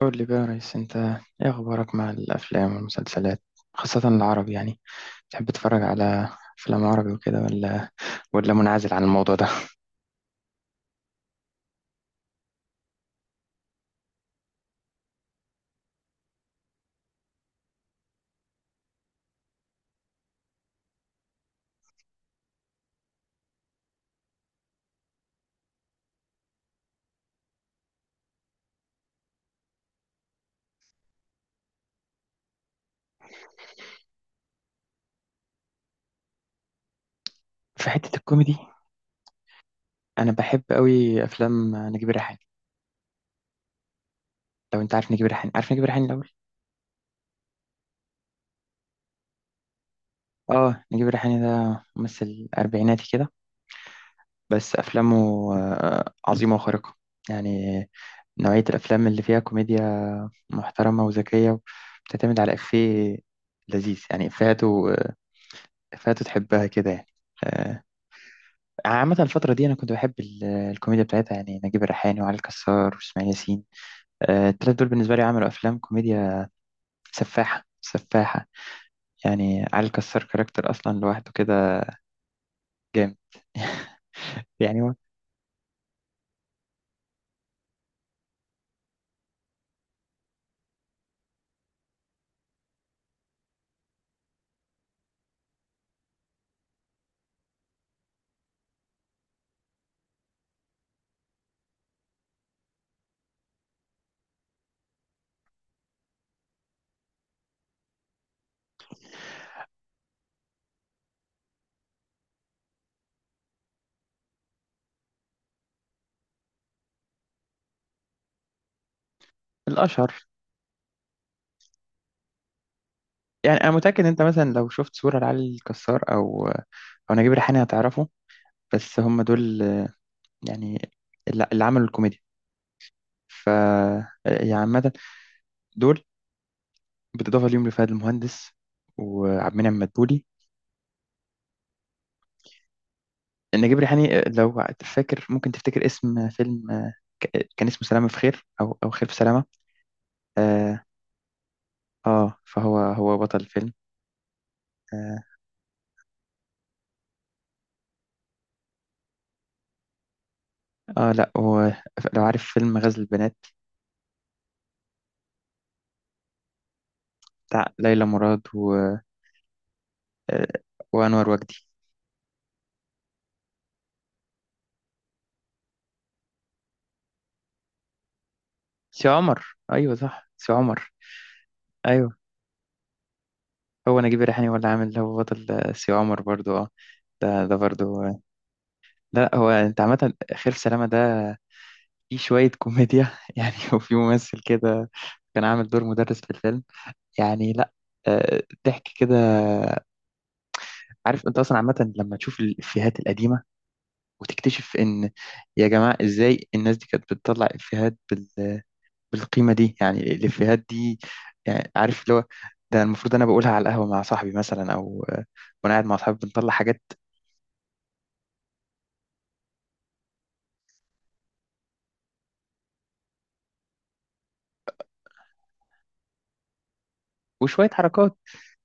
قول لي بقى يا ريس. انت ايه اخبارك مع الافلام والمسلسلات، خاصة العربي؟ يعني تحب تتفرج على افلام عربي وكده ولا منعزل عن الموضوع ده؟ في حتة الكوميدي، انا بحب قوي افلام نجيب الريحاني. لو انت عارف نجيب الريحاني، عارف نجيب الريحاني الاول. اه، نجيب الريحاني ده ممثل اربعيناتي كده، بس افلامه عظيمة وخارقة. يعني نوعية الافلام اللي فيها كوميديا محترمة وذكية، بتعتمد على إفيه لذيذ، يعني إفيهاته فتتحبها كده يعني. آه، عامة الفترة دي أنا كنت بحب الكوميديا بتاعتها، يعني نجيب الريحاني وعلي الكسار وإسماعيل ياسين. التلاتة دول بالنسبة لي عملوا أفلام كوميديا سفاحة سفاحة. يعني علي الكسار كاركتر أصلا لوحده كده، جامد. يعني هو الأشهر. يعني أنا متأكد إن أنت مثلا لو شفت صورة لعلي الكسار أو نجيب الريحاني هتعرفه. بس هم دول، يعني اللي عملوا الكوميديا. ف آه، يعني عامة دول، بالإضافة ليهم لفهد المهندس وعبد المنعم مدبولي. نجيب ريحاني، لو فاكر ممكن تفتكر اسم فيلم. كان اسمه سلامة في خير أو خير في سلامة. آه, فهو هو بطل الفيلم. آه, لا، هو لو عارف فيلم غزل البنات، بتاع ليلى مراد و آه، وأنور وجدي. سي عمر، أيوه صح، سي عمر. أيوه، هو نجيب ريحاني هو اللي عامل، هو بطل سي عمر برضو. آه، ده برضو. لا، هو أنت عامة خير في سلامة ده فيه شوية كوميديا. يعني وفي ممثل كده كان عامل دور مدرس في الفيلم، يعني لا، ضحك كده. عارف انت اصلا عامه لما تشوف الافيهات القديمه وتكتشف ان، يا جماعه، ازاي الناس دي كانت بتطلع افيهات بالقيمه دي؟ يعني الافيهات دي، يعني عارف اللي هو، ده المفروض انا بقولها على القهوه مع صاحبي مثلا، او آه، وانا قاعد مع صاحبي بنطلع حاجات. وشويه حركات.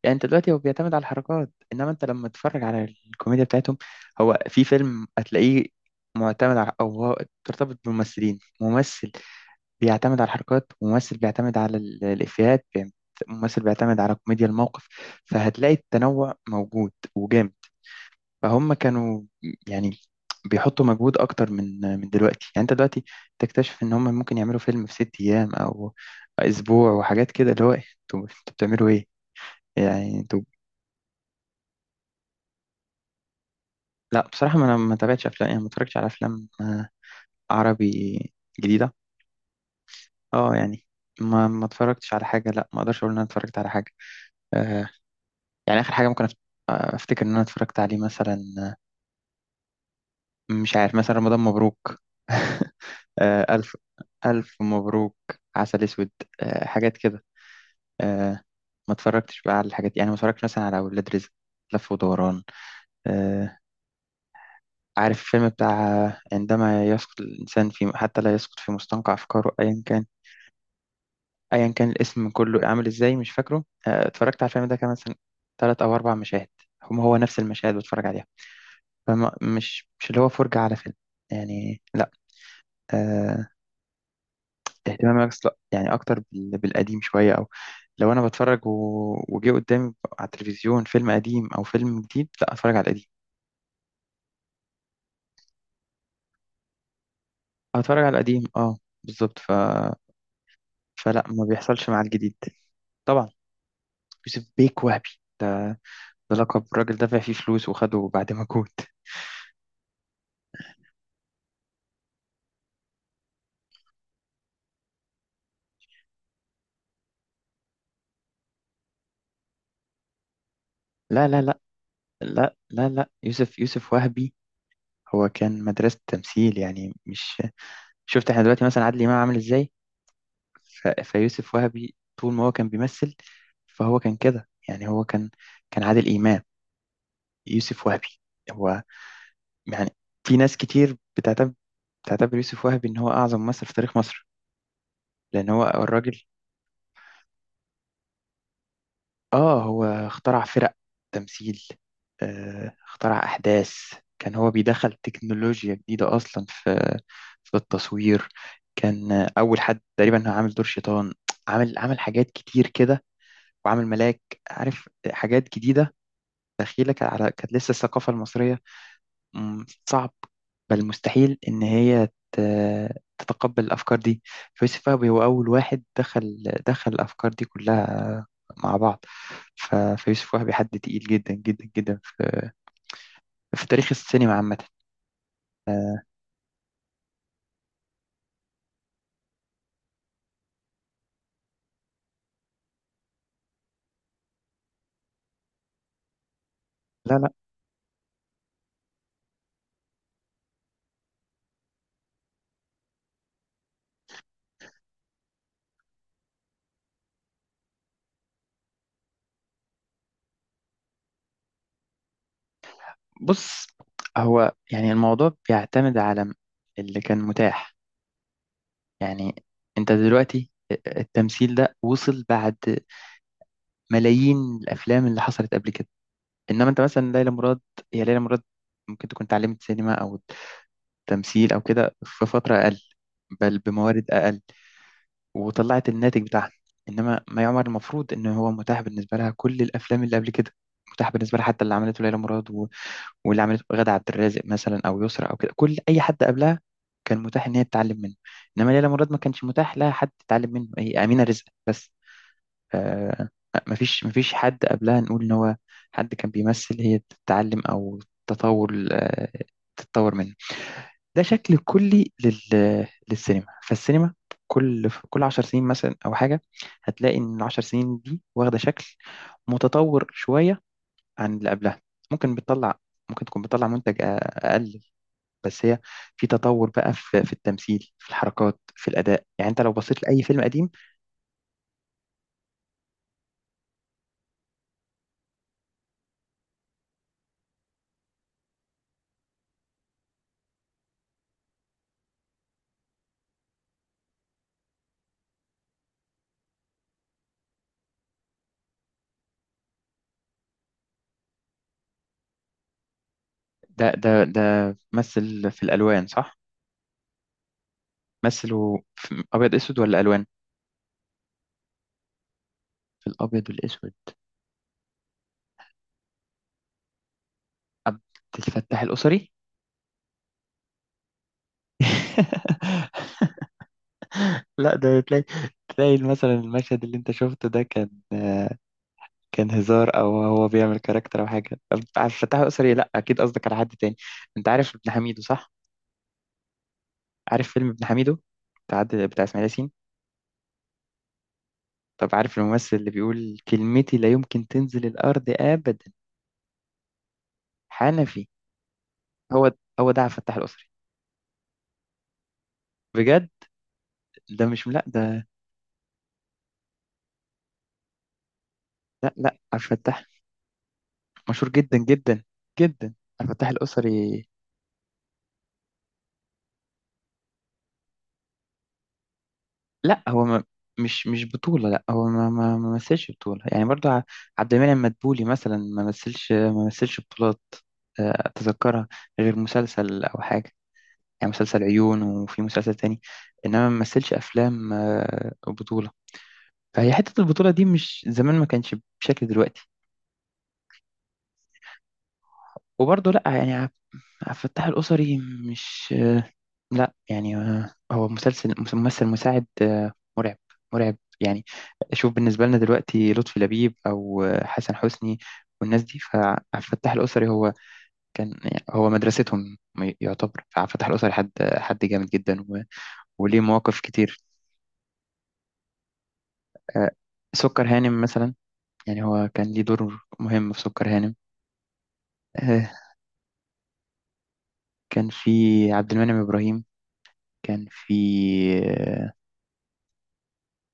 يعني انت دلوقتي هو بيعتمد على الحركات، انما انت لما تتفرج على الكوميديا بتاعتهم، هو في فيلم هتلاقيه معتمد على، او هو ترتبط بممثلين، ممثل بيعتمد على الحركات، وممثل بيعتمد على الإفيهات ممثل بيعتمد على كوميديا الموقف. فهتلاقي التنوع موجود وجامد. فهم كانوا، يعني، بيحطوا مجهود أكتر من دلوقتي. يعني أنت دلوقتي تكتشف إن هم ممكن يعملوا فيلم في 6 أيام أو أسبوع وحاجات كده، اللي هو إيه، أنتوا بتعملوا إيه؟ يعني أنتوا. لا بصراحة، ما أنا ما تابعتش أفلام، يعني ما اتفرجتش على أفلام عربي جديدة. أه يعني ما اتفرجتش على حاجة. لا ما أقدرش أقول إن أنا اتفرجت على حاجة. آه، يعني آخر حاجة ممكن أفتكر إن أنا اتفرجت عليه، مثلا، مش عارف، مثلا رمضان مبروك آه، ألف ألف مبروك، عسل أسود، حاجات كده. آه، ما اتفرجتش بقى على الحاجات، يعني ما اتفرجتش مثلا على أولاد رزق، لف ودوران. آه، عارف الفيلم بتاع عندما يسقط الإنسان في حتى لا يسقط في مستنقع أفكاره، أيا كان، أيا كان الاسم كله عامل إزاي، مش فاكره. اتفرجت على الفيلم ده، كان مثلا تلات أو أربع مشاهد هم هو نفس المشاهد بتفرج عليها، فما مش اللي هو فرجة على فيلم، يعني لا. آه اهتمامي لا يعني أكتر بالقديم شوية. أو لو أنا بتفرج وجي قدامي على التلفزيون فيلم قديم أو فيلم جديد، لا أتفرج على القديم. أتفرج على القديم، أه، بالظبط. فلا ما بيحصلش مع الجديد. طبعا، يوسف بيك وهبي، ده ده لقب الراجل دفع فيه فلوس وخده بعد مجهود. لا لا لا لا لا لا، يوسف وهبي هو كان مدرسة تمثيل، يعني مش. شفت احنا دلوقتي مثلا عادل إمام عامل ازاي؟ فيوسف وهبي طول ما هو كان بيمثل، فهو كان كده، يعني هو كان عادل إمام. يوسف وهبي، هو، يعني، في ناس كتير بتعتبر يوسف وهبي إن هو أعظم ممثل في تاريخ مصر، لأن هو الراجل. هو اخترع فرق تمثيل، اخترع أحداث. كان هو بيدخل تكنولوجيا جديدة أصلا في التصوير. كان أول حد تقريبا هو عامل دور شيطان، عامل حاجات كتير كده، وعامل ملاك. عارف، حاجات جديدة. تخيلك على كانت لسه الثقافة المصرية صعب، بل مستحيل إن هي تتقبل الأفكار دي. فيوسف فهمي هو أول واحد دخل الأفكار دي كلها مع بعض. فيوسف وهبي حد تقيل جدا جدا جدا في تاريخ السينما عامة. لا لا، بص، هو يعني الموضوع بيعتمد على اللي كان متاح. يعني انت دلوقتي، التمثيل ده وصل بعد ملايين الافلام اللي حصلت قبل كده. انما انت مثلا ليلى مراد، هي ليلى مراد ممكن تكون اتعلمت سينما او تمثيل او كده في فتره اقل، بل بموارد اقل، وطلعت الناتج بتاعها. انما مي عمر المفروض ان هو متاح بالنسبه لها كل الافلام اللي قبل كده، متاح بالنسبه لها حتى اللي عملته ليلى مراد، واللي عملته غادة عبد الرازق مثلا، او يسرا، او كده، كل اي حد قبلها كان متاح ان هي تتعلم منه. انما ليلى مراد ما كانش متاح لها حد تتعلم منه، هي امينه رزق بس. آه، مفيش حد قبلها نقول إن هو حد كان بيمثل هي تتعلم أو تطور آه، تتطور منه. ده شكل كلي للسينما. فالسينما كل عشر سنين مثلا أو حاجة، هتلاقي إن ال10 سنين دي واخدة شكل متطور شوية عن اللي قبلها. ممكن بتطلع ممكن تكون بتطلع منتج أقل. بس هي في تطور بقى في التمثيل، في الحركات، في الأداء. يعني أنت لو بصيت لأي فيلم قديم. ده ده ده مثل في الألوان صح؟ مثل في ابيض اسود ولا الوان؟ في الابيض والاسود. عبد الفتاح الاسري؟ لا، ده تلاقي مثلا المشهد اللي انت شفته ده كان، كان هزار، او هو بيعمل كاركتر او حاجه. عبد الفتاح الاسري؟ لا، اكيد قصدك على حد تاني. انت عارف ابن حميدو صح؟ عارف فيلم ابن حميدو بتاع بتاع اسماعيل ياسين. طب عارف الممثل اللي بيقول: كلمتي لا يمكن تنزل الارض ابدا؟ حنفي. هو هو ده عبد الفتاح الاسري. بجد. ده مش، لا ده، لا لا، عبد الفتاح مشهور جدا جدا جدا، الفتاح الأسري. لا، هو ما، مش بطولة. لا هو ما مثلش بطولة، يعني برضو عبد المنعم مدبولي مثلا ما مثلش بطولات. أتذكرها غير مسلسل أو حاجة. يعني مسلسل عيون وفي مسلسل تاني. إنما ما مثلش أفلام بطولة. فهي حتة البطولة دي مش زمان ما كانش بشكل دلوقتي. وبرضو لا يعني، عبد الفتاح الأسري مش، لا يعني، هو مسلسل ممثل مساعد مرعب، مرعب يعني. شوف، بالنسبة لنا دلوقتي لطفي لبيب أو حسن حسني والناس دي، فعبد الفتاح الأسري هو كان، يعني هو مدرستهم، يعتبر. فعبد الفتاح الأسري حد جامد جدا، وليه مواقف كتير. آه، سكر هانم مثلا. يعني هو كان ليه دور مهم في سكر هانم. آه، كان في عبد المنعم إبراهيم، كان في آه،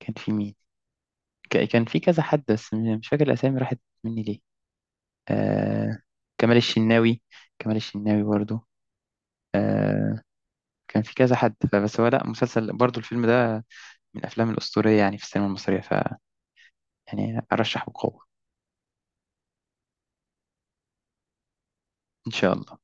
كان في مين، كان في كذا حد، بس مش فاكر الأسامي، راحت مني ليه. آه كمال الشناوي. كمال الشناوي برضو. آه كان في كذا حد فبس. هو لا، مسلسل برضو، الفيلم ده من الأفلام الأسطورية يعني في السينما المصرية. ف، يعني، أرشح بقوة. إن شاء الله.